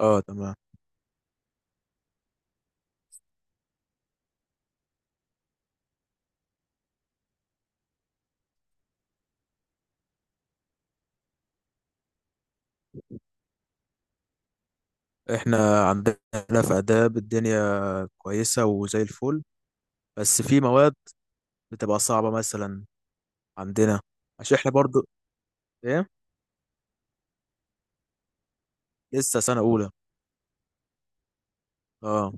اه تمام. احنا عندنا في آداب الدنيا كويسة وزي الفل، بس في مواد بتبقى صعبة مثلا، عندنا عشان احنا برضو. ايه لسه سنة أولى. اه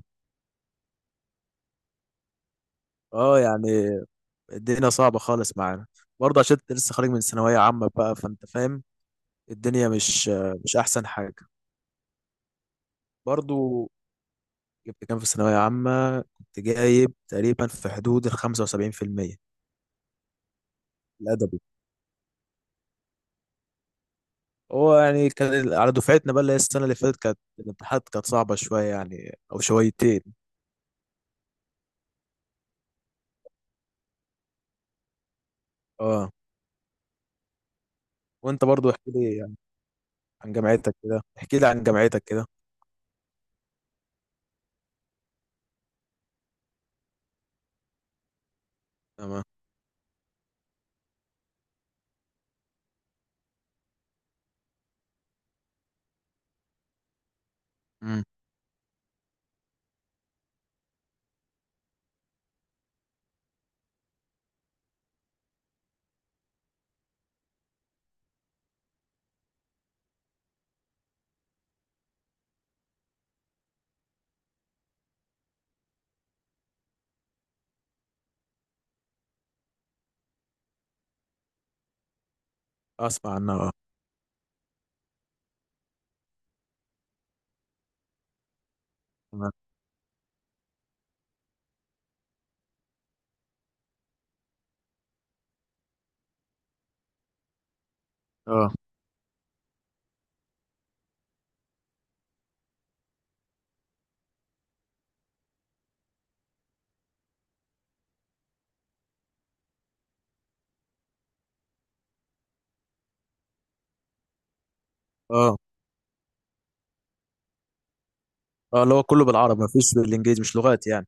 اه يعني الدنيا صعبة خالص معانا، برضه عشان انت لسه خارج من ثانوية عامة بقى فانت فاهم الدنيا مش أحسن حاجة. برضه جبت كام في ثانوية عامة، كنت جايب تقريبا في حدود 75%، الأدبي. هو يعني كان على دفعتنا بقى، اللي هي السنة اللي فاتت كانت الامتحانات كانت صعبة شوية يعني أو شويتين. اه وأنت برضو احكي لي يعني عن جامعتك كده، احكي لي عن جامعتك كده. تمام. امم. أسمع عنها اه. تمام. اه. اه اه اللي هو كله بالعربي مفيش بالإنجليزي مش لغات يعني.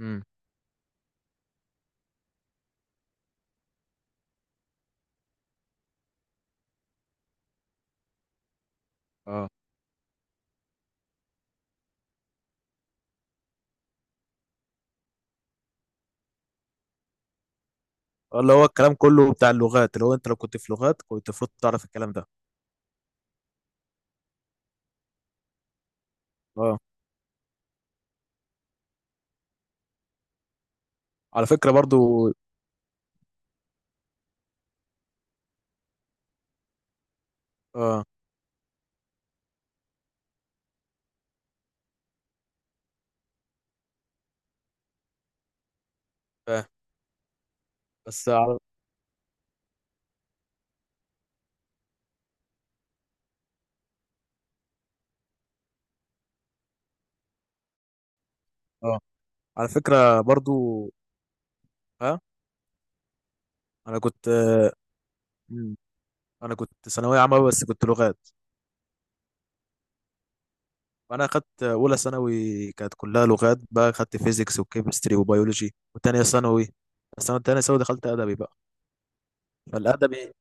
امم. اه. اللي هو الكلام كله بتاع اللغات، اللي هو أنت لو كنت في لغات كنت المفروض تعرف الكلام ده. اه، على فكرة برضو. اه فاهم. بس على. اه على فكرة برضو. ها. أنا كنت انا كنت ثانويه عامه بس كنت لغات، فانا اخدت اولى ثانوي كانت كلها لغات بقى، اخدت فيزيكس وكيمستري وبيولوجي، وتانية ثانوي، السنه التانية ثانوي دخلت ادبي بقى. فالادبي،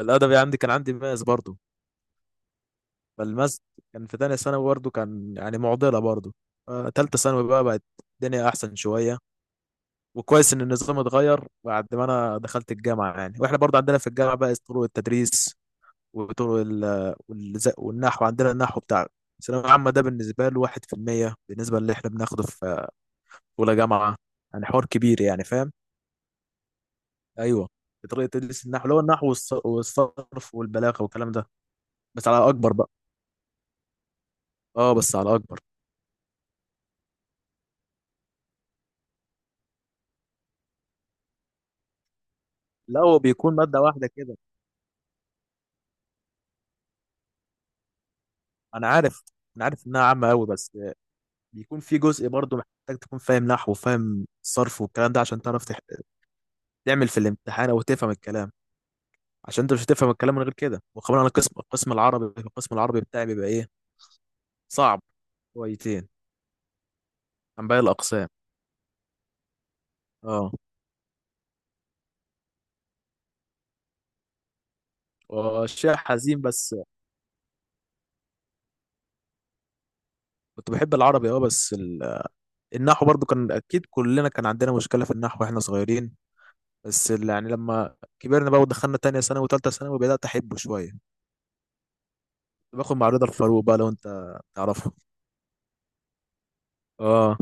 الادبي عندي كان عندي ماس برضه. فالماس كان في تانية ثانوي برضه كان يعني معضله برضه. تالتة ثانوي بقى بقت الدنيا احسن شويه، وكويس ان النظام اتغير بعد ما انا دخلت الجامعه. يعني واحنا برضه عندنا في الجامعه بقى طرق التدريس وطرق والنحو. عندنا النحو بتاع الثانوية العامة ده بالنسبة له 1% بالنسبة اللي احنا بناخده في أولى جامعة، يعني حوار كبير يعني فاهم. أيوه. طريقة تدريس النحو اللي هو النحو والصرف والبلاغة والكلام ده، بس على أكبر بقى. أه بس على أكبر. لا هو بيكون مادة واحدة كده. أنا عارف، أنا عارف إنها عامة أوي، بس بيكون في جزء برضه محتاج تكون فاهم نحو وفاهم صرف والكلام ده عشان تعرف تعمل في الامتحان أو تفهم الكلام، عشان انت مش هتفهم الكلام من غير كده. وكمان انا قسم، القسم العربي، القسم العربي بتاعي بيبقى ايه، صعب شويتين عن باقي الاقسام. اه. وشيء حزين بس. كنت بحب العربي اه، النحو برضو كان اكيد كلنا كان عندنا مشكله في النحو واحنا صغيرين، بس يعني لما كبرنا بقى ودخلنا تانية ثانوي وتالتة ثانوي بدات احبه شويه. كنت باخد مع رضا الفاروق بقى، لو انت تعرفه. اه.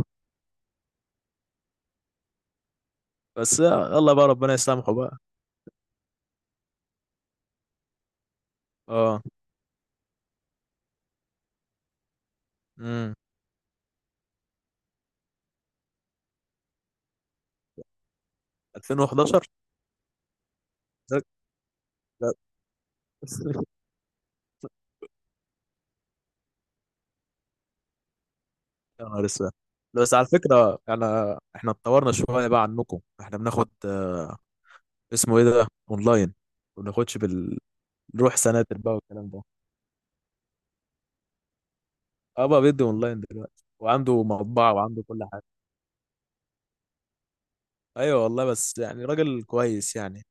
بس يلا بقى ربنا يسامحه بقى. اه. امم. 2011. يا نهار اسود. بس على فكرة انا، احنا اتطورنا شوية بقى عنكم، احنا بناخد اسمه ايه ده، اونلاين، ما بناخدش بالروح سناتر بقى والكلام ده. اه بقى بيدي اونلاين دلوقتي وعنده مطبعة وعنده كل حاجة. ايوه والله، بس يعني راجل كويس يعني،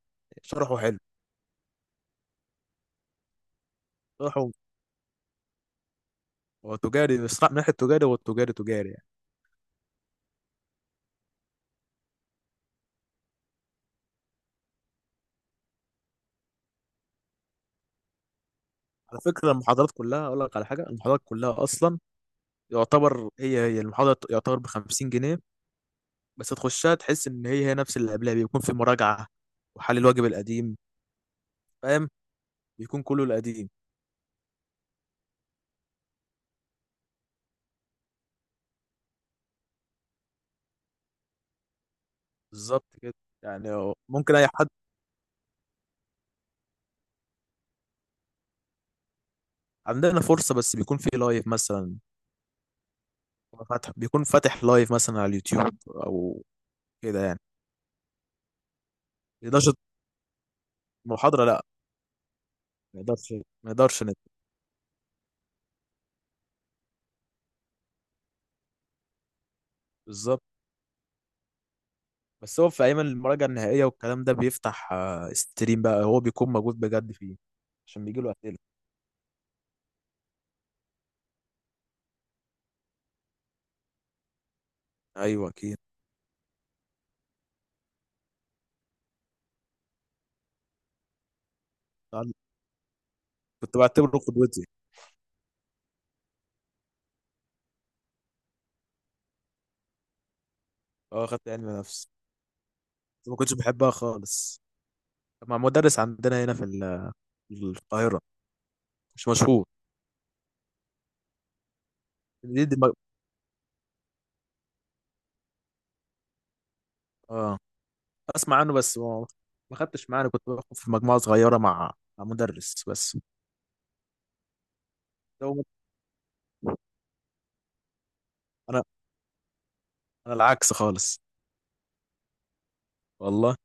شرحه حلو. شرحه، هو تجاري، بس من ناحية تجاري هو التجاري تجاري يعني. على فكرة المحاضرات كلها، اقول لك على حاجة، المحاضرات كلها اصلا يعتبر هي المحاضرة، يعتبر ب 50 جنيه، بس تخشها تحس ان هي نفس اللي قبلها، بيكون في مراجعة وحل الواجب القديم، فاهم، بيكون كله القديم. بالظبط كده. يعني ممكن اي حد. عندنا فرصة بس بيكون في لايف مثلا، فاتح، بيكون فاتح لايف مثلا على اليوتيوب او كده يعني. ما يقدرش. محاضرة لا. ما يقدرش. ما يقدرش نت- بالظبط. بس هو في ايام المراجعة النهائية والكلام ده بيفتح ستريم بقى، هو بيكون موجود بجد فيه، عشان بيجي له اسئلة. ايوه اكيد. كنت بعتبره قدوتي. اه خدت علم نفس، ما كنتش بحبها خالص. مع مدرس عندنا هنا في القاهرة، مش مشهور. دي دي مج... اه اسمع عنه، بس ما ما خدتش معانا، كنت باخد في مجموعة صغيرة مع مدرس بس. لو مت- انا انا العكس خالص. والله.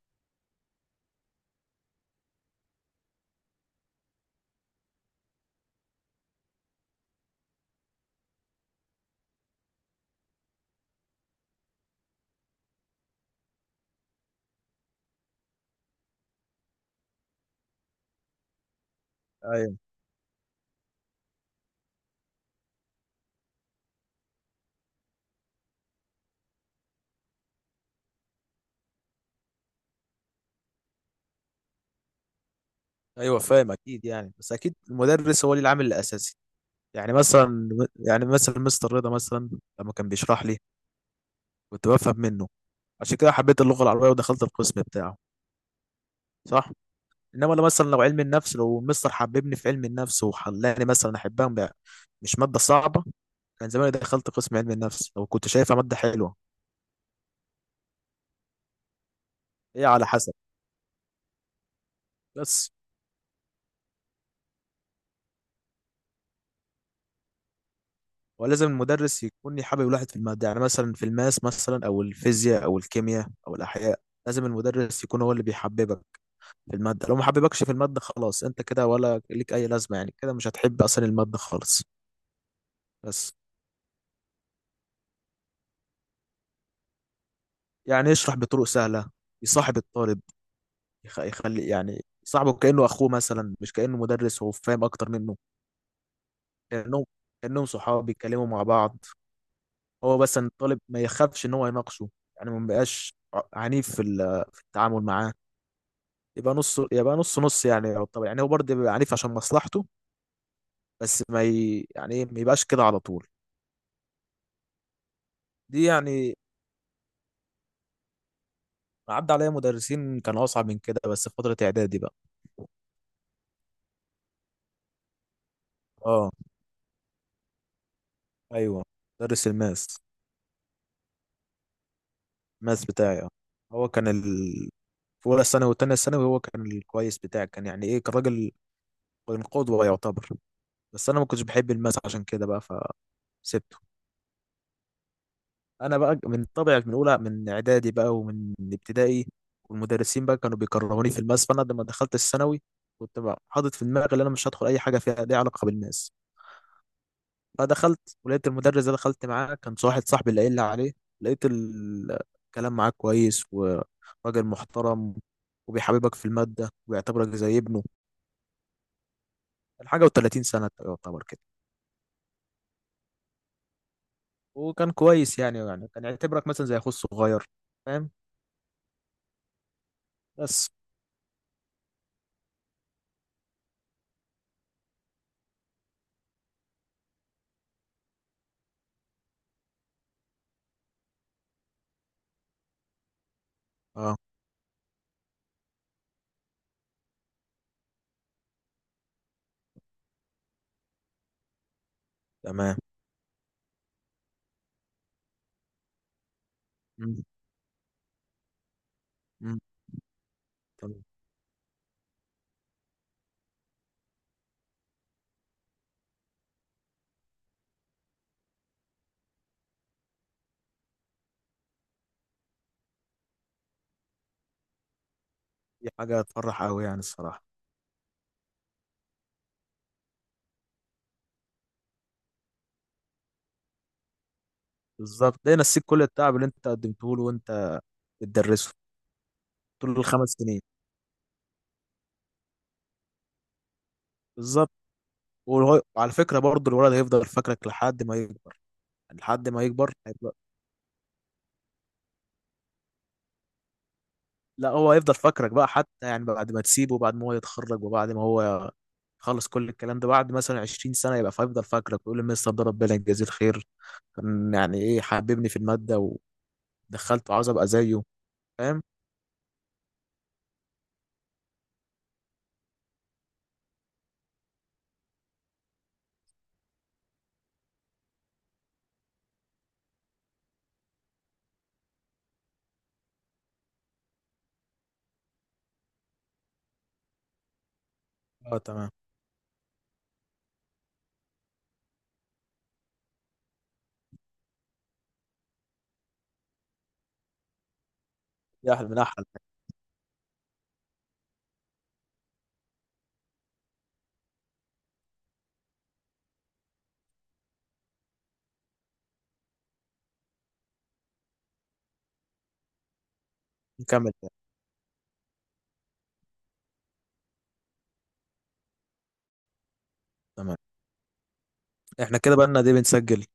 ايوه. ايوه فاهم اكيد يعني، بس اكيد المدرس هو اللي العامل الاساسي. يعني مثلا يعني مثلا مستر رضا مثلا، لما كان بيشرح لي كنت بفهم منه، عشان كده حبيت اللغة العربية ودخلت القسم بتاعه. صح. انما لو مثلا، لو علم النفس لو المستر حببني في علم النفس وخلاني مثلا احبها بقى، مش ماده صعبه، كان زمان دخلت قسم علم النفس لو كنت شايفها ماده حلوه. هي على حسب بس. ولازم المدرس يكون حابب الواحد في الماده، يعني مثلا في الماس مثلا او الفيزياء او الكيمياء او الاحياء، لازم المدرس يكون هو اللي بيحببك في الماده، لو ما حببكش في الماده خلاص انت كده ولا ليك اي لازمه، يعني كده مش هتحب اصلا الماده خالص. بس. يعني يشرح بطرق سهله، يصاحب الطالب، يخلي يعني صاحبه كأنه أخوه مثلا، مش كأنه مدرس هو فاهم أكتر منه. كأنهم كأنهم صحاب بيتكلموا مع بعض، هو بس إن الطالب ما يخافش إن هو يناقشه. يعني ما بقاش عنيف في التعامل معاه، يبقى نص، يبقى نص يعني، طبعا يعني هو برضه بيبقى عنيف عشان مصلحته، بس ما ي... يعني إيه، ما يبقاش كده على طول. دي يعني عدى عليا مدرسين كانوا أصعب من كده، بس في فترة إعدادي بقى. اه ايوه. مدرس الماس، الماس بتاعي اه، هو كان ال... في اولى ثانوي وتانية ثانوي هو كان الكويس بتاعي، كان يعني ايه، كان راجل، كان قدوة يعتبر، بس انا ما كنتش بحب الماس عشان كده بقى، فسبته. انا بقى من طبع من اولى من اعدادي بقى ومن ابتدائي والمدرسين بقى كانوا بيكرهوني في الماس، فانا لما دخلت الثانوي كنت بقى حاطط في دماغي ان انا مش هدخل اي حاجه فيها ليها علاقه بالماس، فدخلت ولقيت المدرس ده، دخلت معاه كان واحد صاحبي اللي قايل لي عليه، لقيت الكلام معاه كويس وراجل محترم، وبيحببك في المادة وبيعتبرك زي ابنه. كان حاجة و30 سنة يعتبر كده. وكان كويس يعني، يعني كان يعتبرك مثلا زي أخوه الصغير، فاهم. بس. اه تمام. مم. مم. تمام. دي حاجة تفرح أوي يعني الصراحة. بالظبط، ده نسيك كل التعب اللي أنت قدمته له وأنت بتدرسه طول الخمس سنين. بالظبط. وعلى فكرة برضه الولد هيفضل فاكرك لحد ما يكبر، لحد ما يكبر هيبقى- لا هو هيفضل فاكرك بقى، حتى يعني بعد ما تسيبه وبعد ما هو يتخرج وبعد ما هو خلص كل الكلام ده، بعد مثلا 20 سنة يبقى فيفضل فاكرك ويقول المستر ده ربنا يجازيه الخير، كان يعني ايه حببني في المادة، ودخلته عاوز ابقى زيه، فاهم. اه تمام. يا احلى من احلى. نكمل. تمام. احنا كده بقى لنا دي بنسجل.